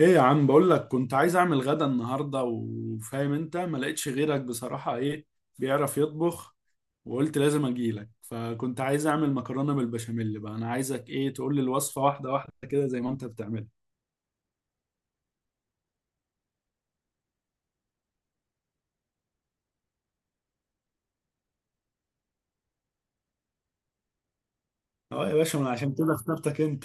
ايه يا عم، بقول لك كنت عايز اعمل غدا النهارده، وفاهم انت ما لقيتش غيرك بصراحه. ايه بيعرف يطبخ، وقلت لازم اجيلك. فكنت عايز اعمل مكرونه بالبشاميل، بقى انا عايزك ايه، تقول لي الوصفه واحده واحده كده زي ما انت بتعملها. اه يا باشا، ما أنا عشان كده اخترتك انت.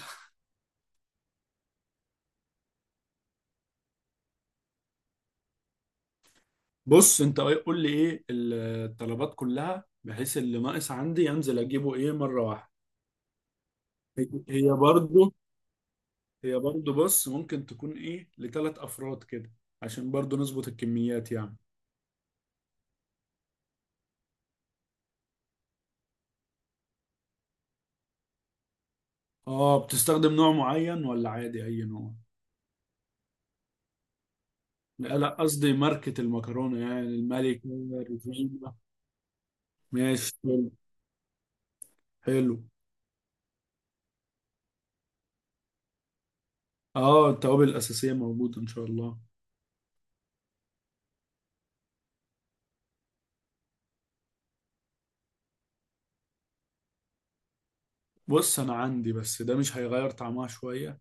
بص انت قول لي ايه الطلبات كلها، بحيث اللي ناقص عندي انزل اجيبه ايه مره واحده. هي برضو. هي برضو. بص ممكن تكون ايه لثلاث افراد كده، عشان برضو نظبط الكميات يعني. اه بتستخدم نوع معين ولا عادي اي نوع؟ لا لا، قصدي ماركة المكرونة يعني، الملكة الرزينة. ماشي حلو. حلو. اه التوابل الأساسية موجودة إن شاء الله. بص أنا عندي، بس ده مش هيغير طعمها شوية؟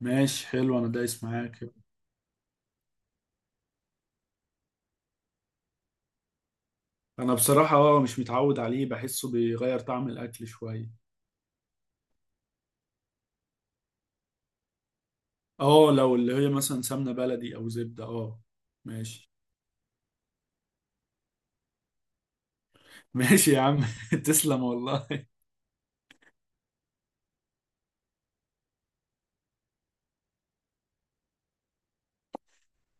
ماشي حلو، أنا دايس معاك. أنا بصراحة مش متعود عليه، بحسه بيغير طعم الأكل شوية. اه لو اللي هي مثلا سمنة بلدي أو زبدة ماشي. ماشي يا عم. تسلم والله.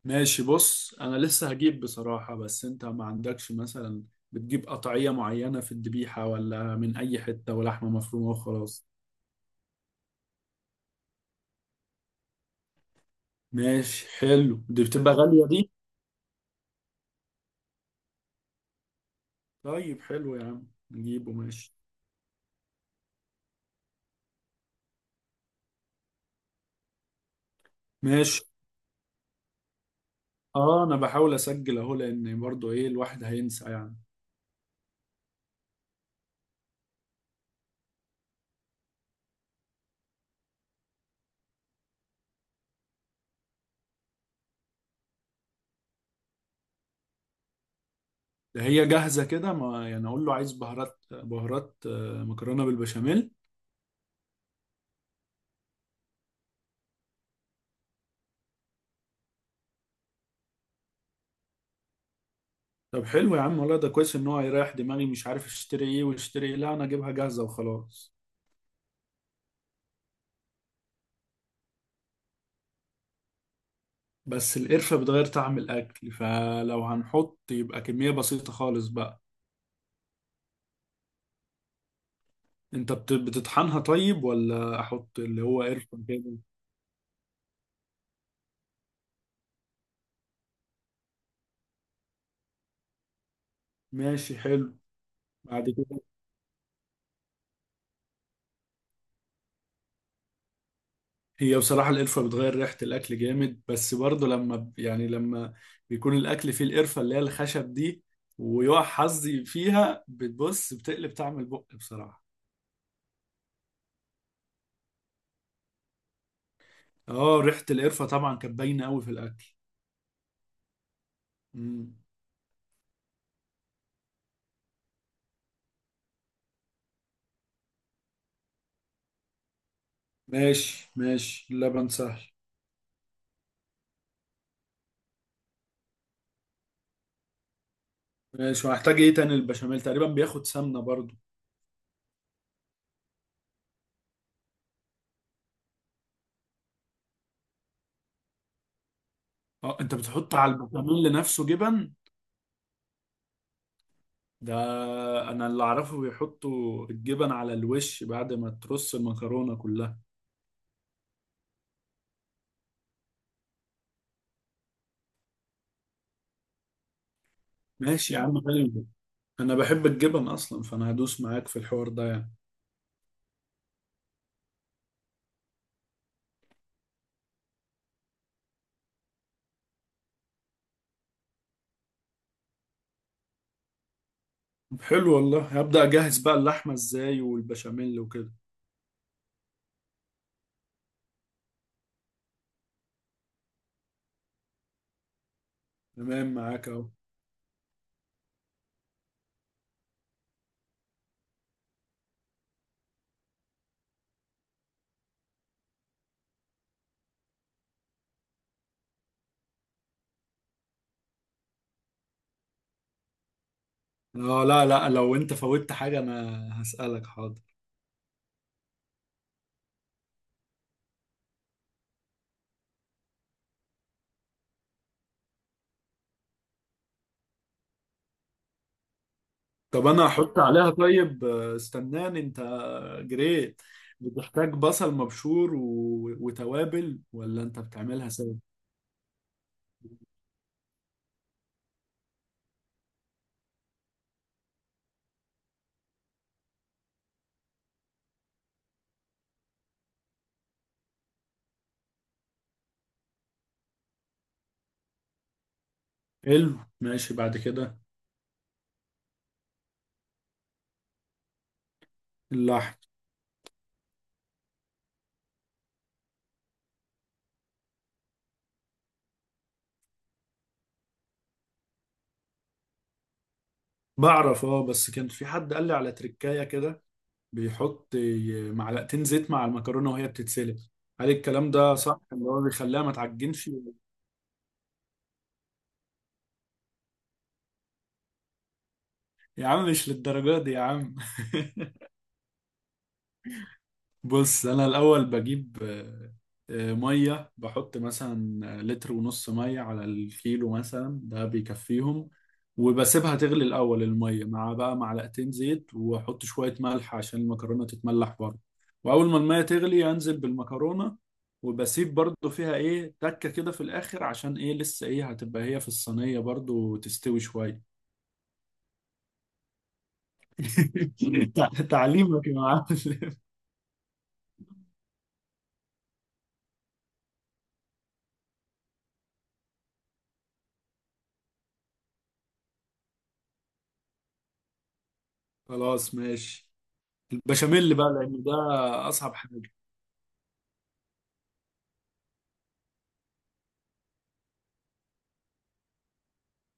ماشي. بص انا لسه هجيب بصراحة، بس انت ما عندكش مثلا بتجيب قطعية معينة في الذبيحة، ولا من اي حتة ولحمة مفرومة وخلاص؟ ماشي حلو، دي بتبقى غالية دي. طيب حلو يا عم، نجيبه. ماشي، ماشي. اه انا بحاول اسجل اهو، لان برضو ايه الواحد هينسى يعني. ده هي جاهزة كده ما، يعني اقول له عايز بهارات بهارات مكرونة بالبشاميل؟ طب حلو يا عم، والله ده كويس ان هو هيريح دماغي، مش عارف اشتري ايه واشتري ايه، لا انا اجيبها جاهزة وخلاص. بس القرفة بتغير طعم الأكل، فلو هنحط يبقى كمية بسيطة خالص بقى. أنت بتطحنها طيب، ولا أحط اللي هو قرفة كده؟ ماشي حلو. بعد كده، هي بصراحة القرفة بتغير ريحة الأكل جامد، بس برضه لما ب- يعني لما بيكون الأكل فيه القرفة اللي هي الخشب دي، ويقع حظي فيها، بتبص بتقلب طعم البق بصراحة. اه ريحة القرفة طبعا كانت باينة أوي في الأكل. مم. ماشي، ماشي. اللبن سهل. ماشي، وهحتاج ايه تاني؟ البشاميل تقريبا بياخد سمنه برضو. اه انت بتحط على البشاميل نفسه جبن؟ ده انا اللي اعرفه بيحطوا الجبن على الوش بعد ما ترص المكرونه كلها. ماشي يا عم حلو، انا بحب الجبن اصلا، فانا هدوس معاك في الحوار ده يعني. طب حلو والله، هبدا اجهز بقى اللحمه ازاي والبشاميل وكده. تمام معاك اهو. اه لا لا، لو انت فوتت حاجه انا هسالك حاضر. طب انا هحط عليها طيب، استناني انت، جريت. بتحتاج بصل مبشور وتوابل، ولا انت بتعملها سوا؟ حلو ماشي، بعد كده اللحم. بعرف، بس كان في حد قال لي على تركاية كده، بيحط معلقتين زيت مع المكرونة وهي بتتسلق. هل الكلام ده صح، اللي هو بيخليها ما تعجنش؟ يا عم مش للدرجة دي يا عم. بص انا الاول بجيب، ميه. بحط مثلا لتر ونص ميه على الكيلو مثلا، ده بيكفيهم. وبسيبها تغلي الاول الميه مع بقى معلقتين زيت، واحط شويه ملح عشان المكرونه تتملح برضه. واول ما الميه تغلي انزل بالمكرونه، وبسيب برضه فيها ايه تكه كده في الاخر، عشان ايه لسه ايه هتبقى هي في الصينيه برضه تستوي شويه. تعليمك يا معلم. خلاص ماشي. البشاميل بقى لان ده اصعب حاجه.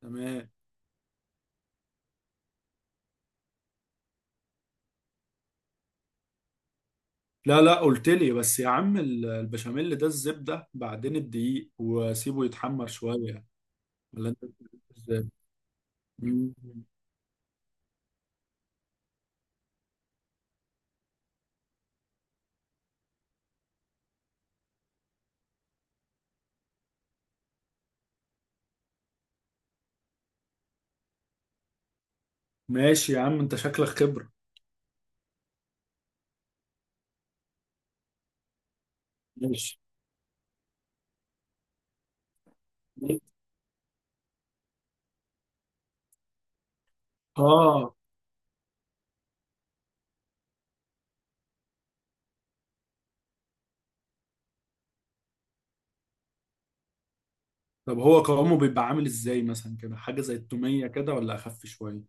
تمام. لا لا، قلت لي بس يا عم البشاميل، ده الزبده بعدين الدقيق وسيبه يتحمر شويه. ولا انت بتعمله ازاي؟ مم. ماشي يا عم، انت شكلك خبره. ماشي اه. طب هو قوامه بيبقى عامل ازاي مثلا كده، حاجه زي التوميه كده ولا اخف شويه؟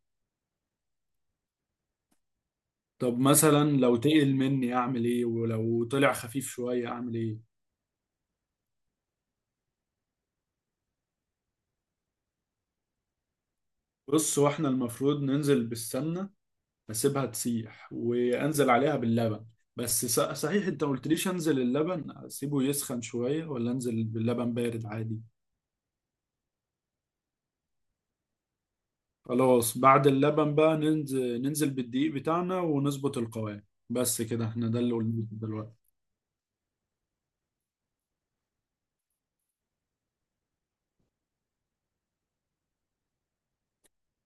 طب مثلا لو تقل مني اعمل ايه، ولو طلع خفيف شويه اعمل ايه؟ بص، واحنا المفروض ننزل بالسمنه، بسيبها تسيح وانزل عليها باللبن. بس صحيح انت ما قلتليش، انزل اللبن اسيبه يسخن شوية ولا انزل باللبن بارد عادي؟ خلاص بعد اللبن بقى ننزل بالدقيق بتاعنا ونظبط القوام. بس كده احنا ده اللي قلناه دلوقتي.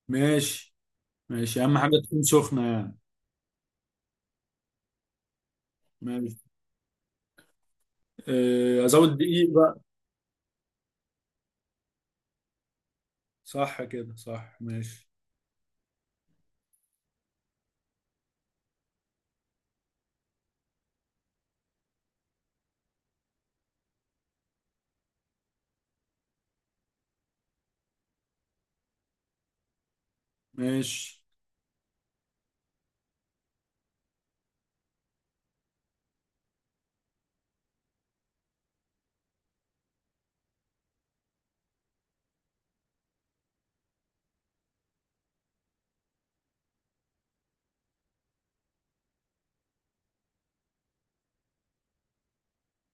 ماشي، ماشي. اهم حاجة تكون سخنة يعني. ماشي، اه، ازود دقيق بقى. صح كده، صح. ماشي، ماشي.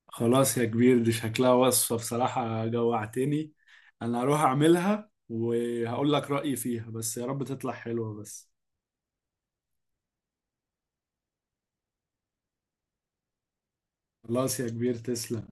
خلاص يا كبير، دي شكلها وصفة بصراحة، جوعتني. أنا هروح أعملها وهقول لك رأيي فيها، بس يا رب تطلع حلوة بس. خلاص يا كبير، تسلم.